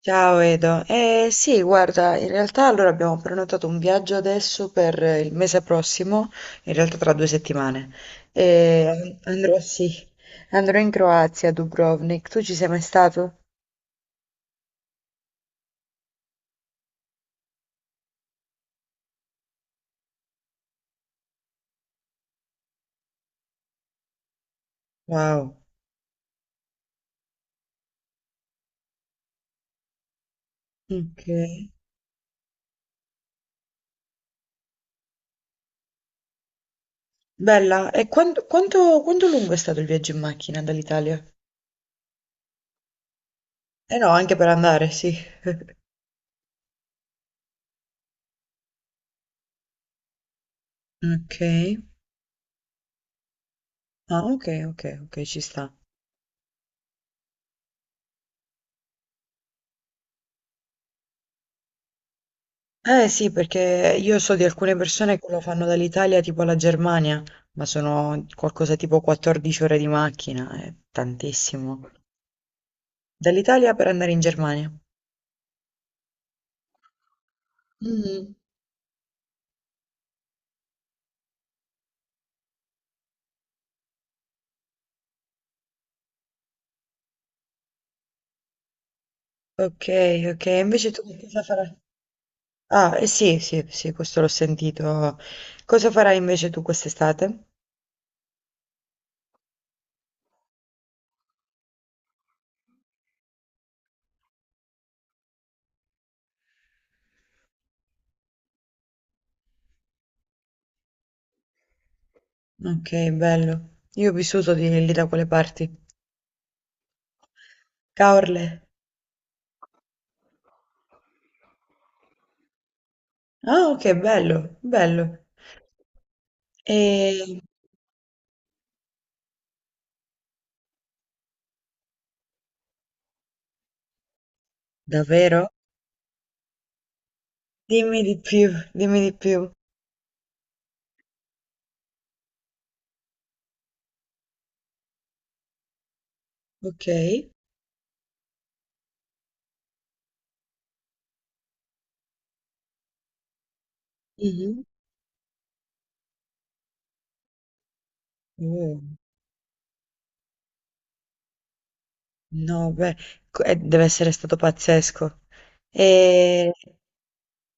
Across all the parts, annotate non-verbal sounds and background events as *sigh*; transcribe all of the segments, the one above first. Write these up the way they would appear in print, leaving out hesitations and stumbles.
Ciao Edo, eh sì, guarda, in realtà allora abbiamo prenotato un viaggio adesso per il mese prossimo, in realtà tra due settimane. E andrò, sì, andrò in Croazia, a Dubrovnik. Tu ci sei mai stato? Wow, ok. Bella, e quanto lungo è stato il viaggio in macchina dall'Italia? Eh no, anche per andare, sì. *laughs* Ok. Ah, ok, ok, ok, ci sta. Eh sì, perché io so di alcune persone che lo fanno dall'Italia tipo alla Germania, ma sono qualcosa tipo 14 ore di macchina, è tantissimo. Dall'Italia per andare in Germania. Mm. Ok, ok, invece tu che cosa farai? Ah, eh sì, sì, sì, questo l'ho sentito. Cosa farai invece tu quest'estate? Ok, bello. Io ho vissuto di lì da quelle parti. Caorle. Ah, ok, bello, bello. E... Davvero? Dimmi di più, dimmi di più. Ok. Mhm. Uh, no, beh, deve essere stato pazzesco. E, *laughs*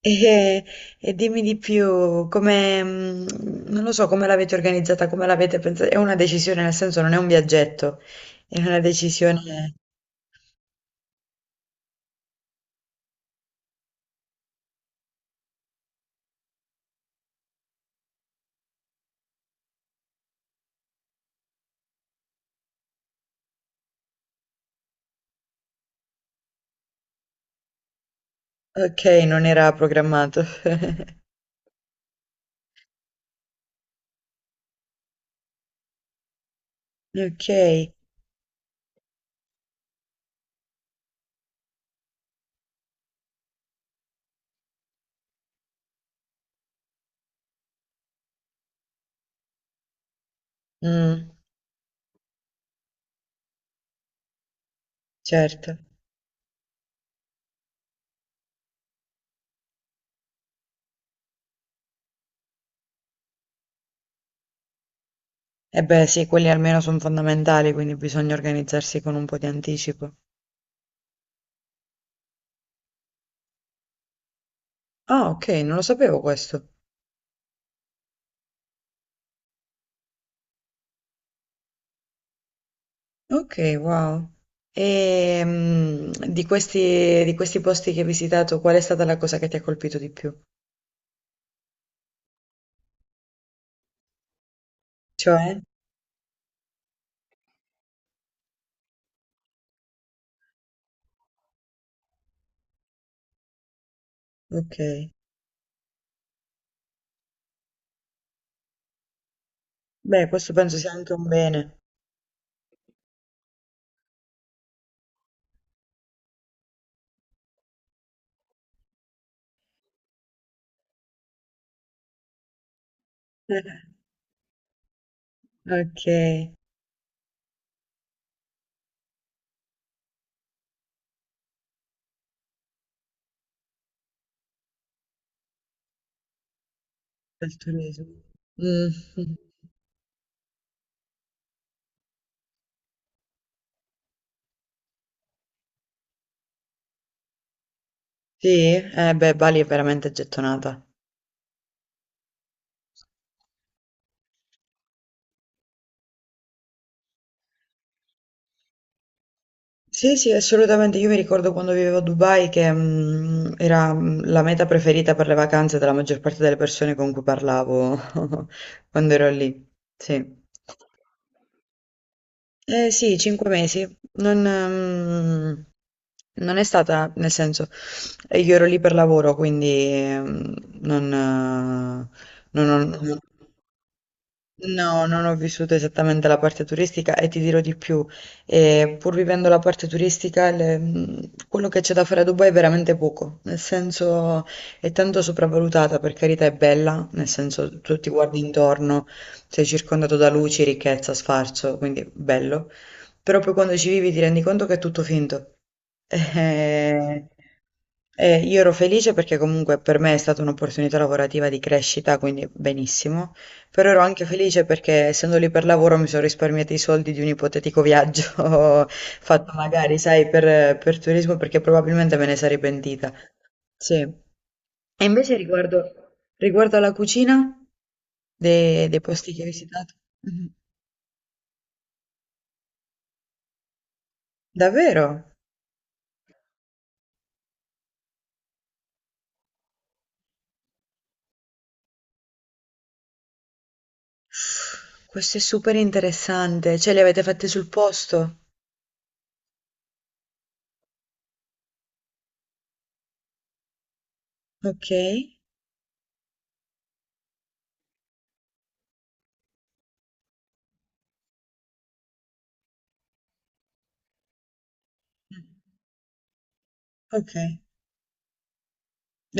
e- e dimmi di più, come, non lo so, come l'avete organizzata, come l'avete pensata. È una decisione, nel senso, non è un viaggetto, è una decisione. Ok, non era programmato. *laughs* Ok, mm, certo. E beh, sì, quelli almeno sono fondamentali, quindi bisogna organizzarsi con un po' di anticipo. Ah, okay, non lo sapevo questo. Okay, wow. Di questi posti che hai visitato, qual è stata la cosa che ti ha colpito di più? Cioè? Okay. Beh, questo penso sia anche un bene. *laughs* Okay, del turismo. Mh-mh. *laughs* Sì? Eh beh, Bali è veramente gettonata. Sì, sì, assolutamente. Io mi ricordo quando vivevo a Dubai che era la meta preferita per le vacanze della maggior parte delle persone con cui parlavo *laughs* quando ero lì. Sì. Eh sì, 5 mesi. Non, ehm, non è stata, nel senso, io ero lì per lavoro, quindi ehm, non, non ho- non- No, non ho vissuto esattamente la parte turistica e ti dirò di più, pur vivendo la parte turistica, quello che c'è da fare a Dubai è veramente poco, nel senso è tanto sopravvalutata, per carità è bella, nel senso tu ti guardi intorno, sei circondato da luci, ricchezza, sfarzo, quindi bello, però poi quando ci vivi ti rendi conto che è tutto finto. *laughs* Io ero felice perché comunque per me è stata un'opportunità lavorativa di crescita, quindi benissimo. Però ero anche felice perché essendo lì per lavoro mi sono risparmiata i soldi di un ipotetico viaggio *laughs* fatto magari, sai, per, turismo perché probabilmente me ne sarei pentita. Sì. E invece riguardo alla cucina dei posti che hai visitato? Mhm. Davvero? Questo è super interessante. Cioè, li avete fatti sul posto? Ok. Ok.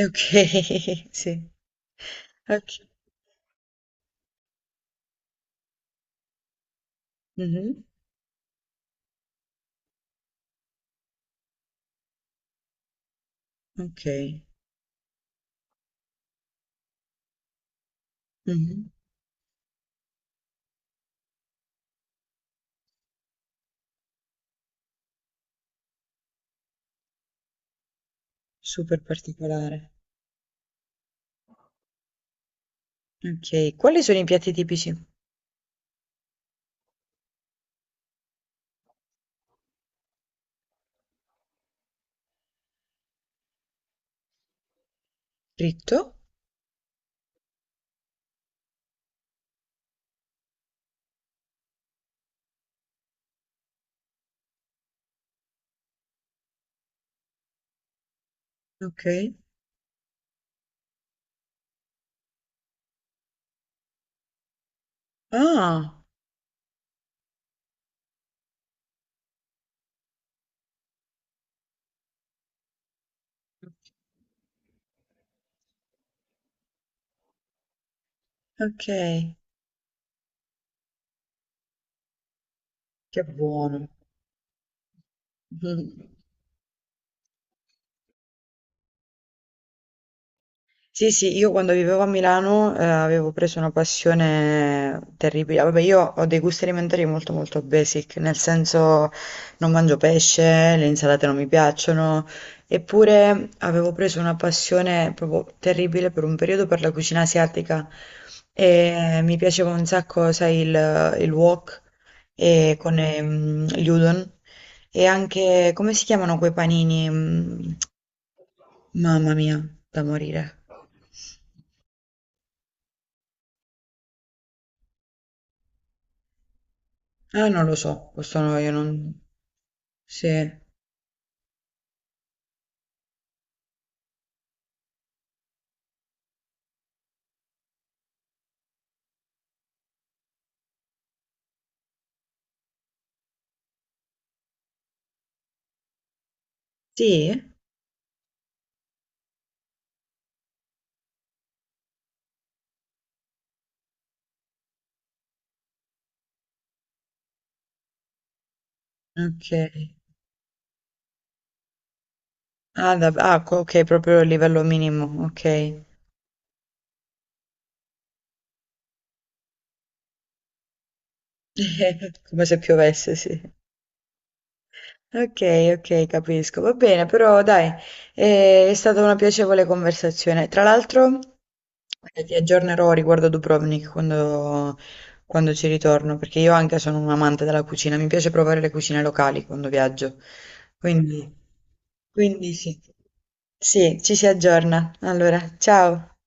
Ok. *laughs* Sì. Ok. Mhm. Ok. Mhm. Super particolare. Okay. Quali sono i piatti tipici? Fritto? Okay. Ah, okay, che buono. *laughs* Mh-mh. Sì, sì, io quando vivevo a Milano avevo preso una passione terribile. Vabbè, io ho dei gusti alimentari molto molto basic, nel senso non mangio pesce, le insalate non mi piacciono, eppure avevo preso una passione proprio terribile per un periodo per la cucina asiatica e mi piaceva un sacco, sai, il, wok e con gli udon. E anche, come si chiamano quei panini? Mamma mia, da morire. Ah, non lo so, questo no, io non... Sì. Sì? Ok. Ah, ok, proprio il livello minimo, ok. *laughs* Come se piovesse, sì. Ok, ok, capisco. Va bene, però dai, è stata una piacevole conversazione. Tra l'altro, ti aggiornerò riguardo Dubrovnik quando ci ritorno, perché io anche sono un amante della cucina, mi piace provare le cucine locali quando viaggio. Quindi, quindi sì. Sì, ci si aggiorna. Allora, ciao.